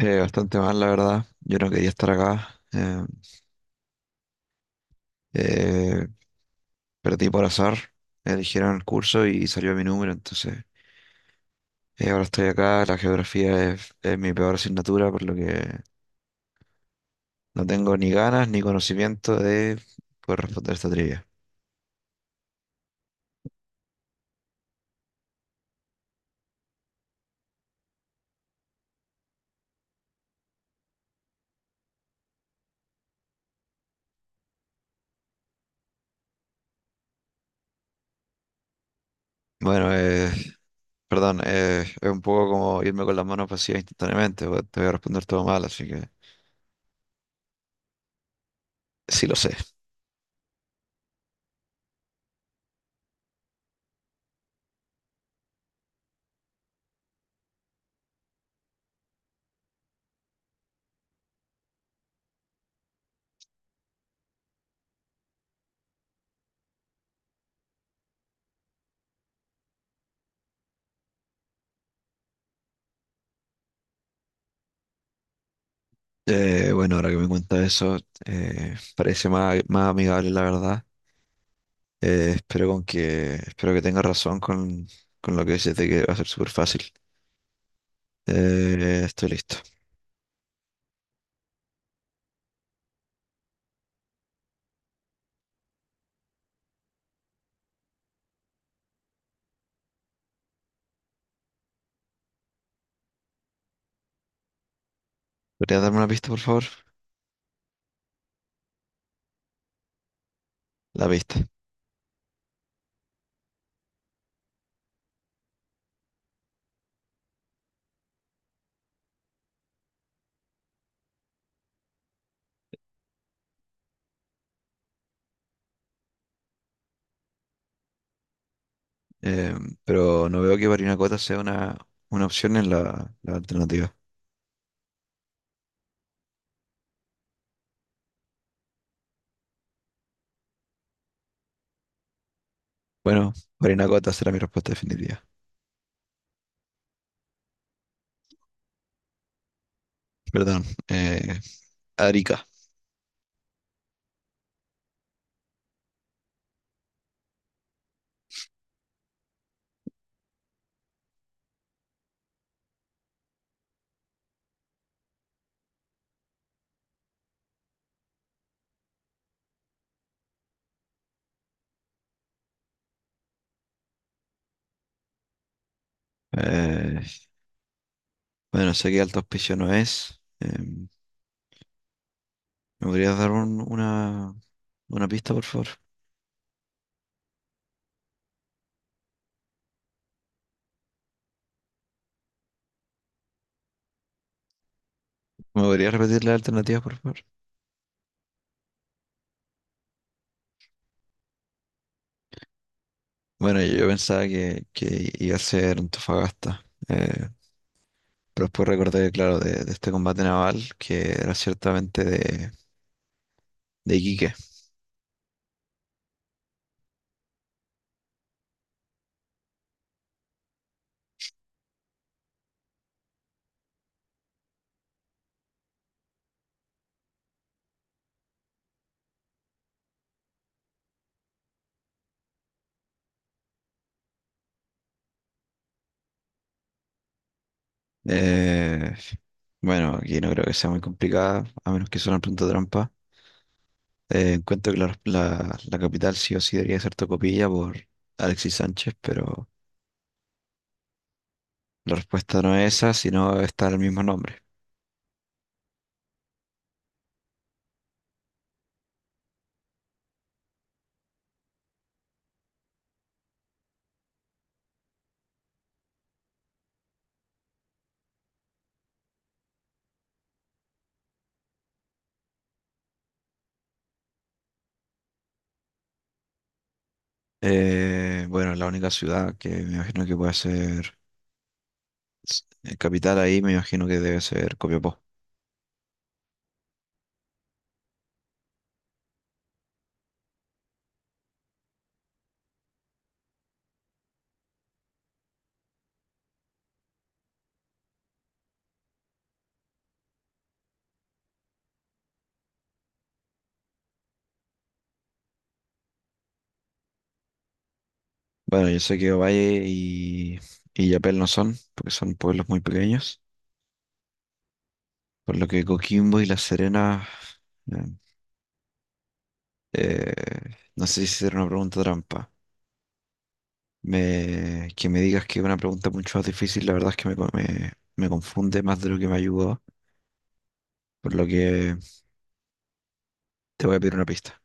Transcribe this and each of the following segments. Bastante mal, la verdad. Yo no quería estar acá. Eh, Perdí por azar. Eligieron el curso y salió mi número, entonces ahora estoy acá. La geografía es mi peor asignatura, por lo que no tengo ni ganas ni conocimiento de poder responder esta trivia. Bueno, perdón, es un poco como irme con las manos vacías instantáneamente, porque te voy a responder todo mal, así que sí lo sé. Bueno, ahora que me cuenta eso, parece más amigable, la verdad. Espero espero que tengas razón con lo que dices de que va a ser súper fácil. Estoy listo. ¿Podrías darme una pista, por favor? La pista. Eh, pero no veo que Barinacota sea una opción en la alternativa. Bueno, Barinacota será mi respuesta definitiva. Perdón. Arica. Eh, bueno, sé que Alto Hospicio no es. ¿Me podrías dar una pista, por favor? ¿Me podrías repetir la alternativa, por favor? Bueno, yo pensaba que iba a ser Antofagasta, pero después recordé, claro, de este combate naval que era ciertamente de Iquique. Eh, bueno, aquí no creo que sea muy complicada, a menos que sea una pregunta trampa. Encuentro que la capital sí o sí debería ser Tocopilla por Alexis Sánchez, pero la respuesta no es esa, sino está el mismo nombre. Bueno, la única ciudad que me imagino que puede ser capital ahí, me imagino que debe ser Copiapó. Bueno, yo sé que y Yapel no son, porque son pueblos muy pequeños, por lo que Coquimbo y La Serena, eh, eh, no sé si era una pregunta trampa. Que me digas que es una pregunta mucho más difícil, la verdad es que me confunde más de lo que me ayudó, por lo que te voy a pedir una pista.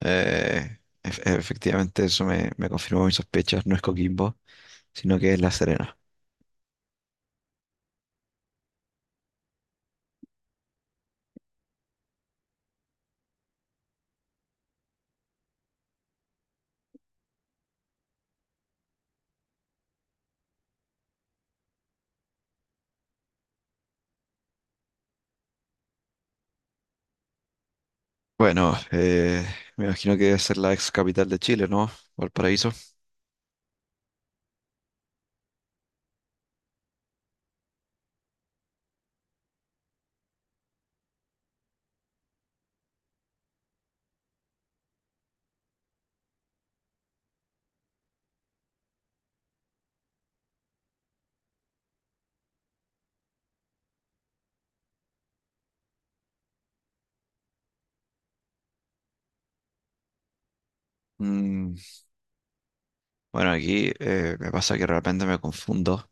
Efectivamente, eso me confirmó mis sospechas, no es Coquimbo, sino que es La Serena. Bueno, me imagino que debe ser la ex capital de Chile, ¿no? Valparaíso. Mm, bueno, aquí me pasa que realmente me confundo,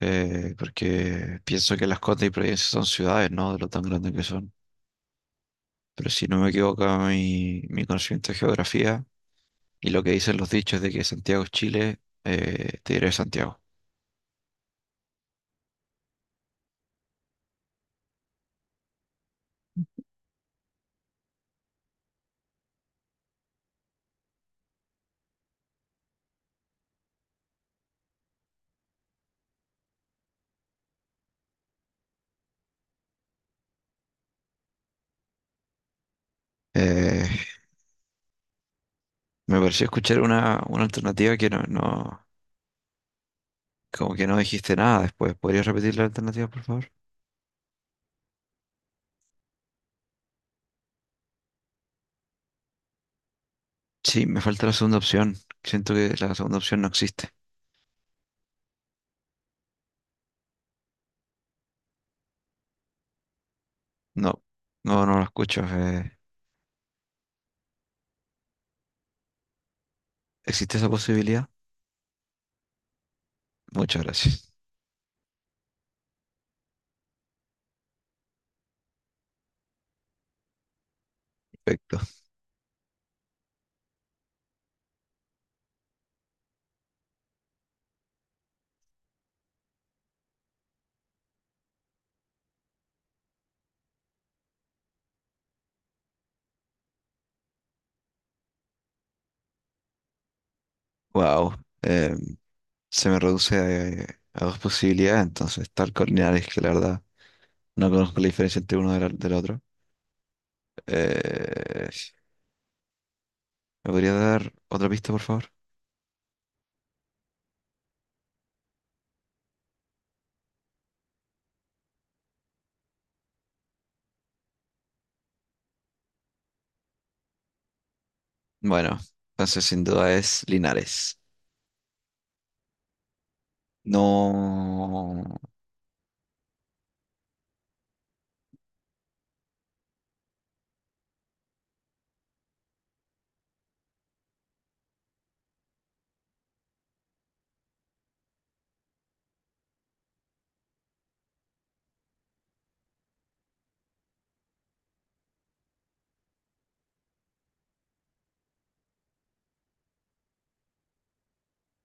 porque pienso que Las Condes y Providencia son ciudades, ¿no? De lo tan grandes que son. Pero si no me equivoco, mi conocimiento de geografía y lo que dicen los dichos de que Santiago es Chile, te diré Santiago. Eh, Me pareció escuchar una alternativa que como que no dijiste nada después. ¿Podrías repetir la alternativa, por favor? Sí, me falta la segunda opción. Siento que la segunda opción no existe. No, no lo escucho. ¿Existe esa posibilidad? Muchas gracias. Perfecto. Wow, se me reduce a dos posibilidades, entonces, tal cual Linares, que la verdad no conozco la diferencia entre uno del otro. Eh, ¿Me podría dar otra pista, por favor? Bueno, entonces sin duda es Linares. No,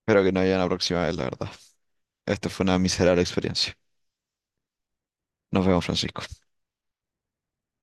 espero que no haya una próxima vez, la verdad. Esta fue una miserable experiencia. Nos vemos, Francisco.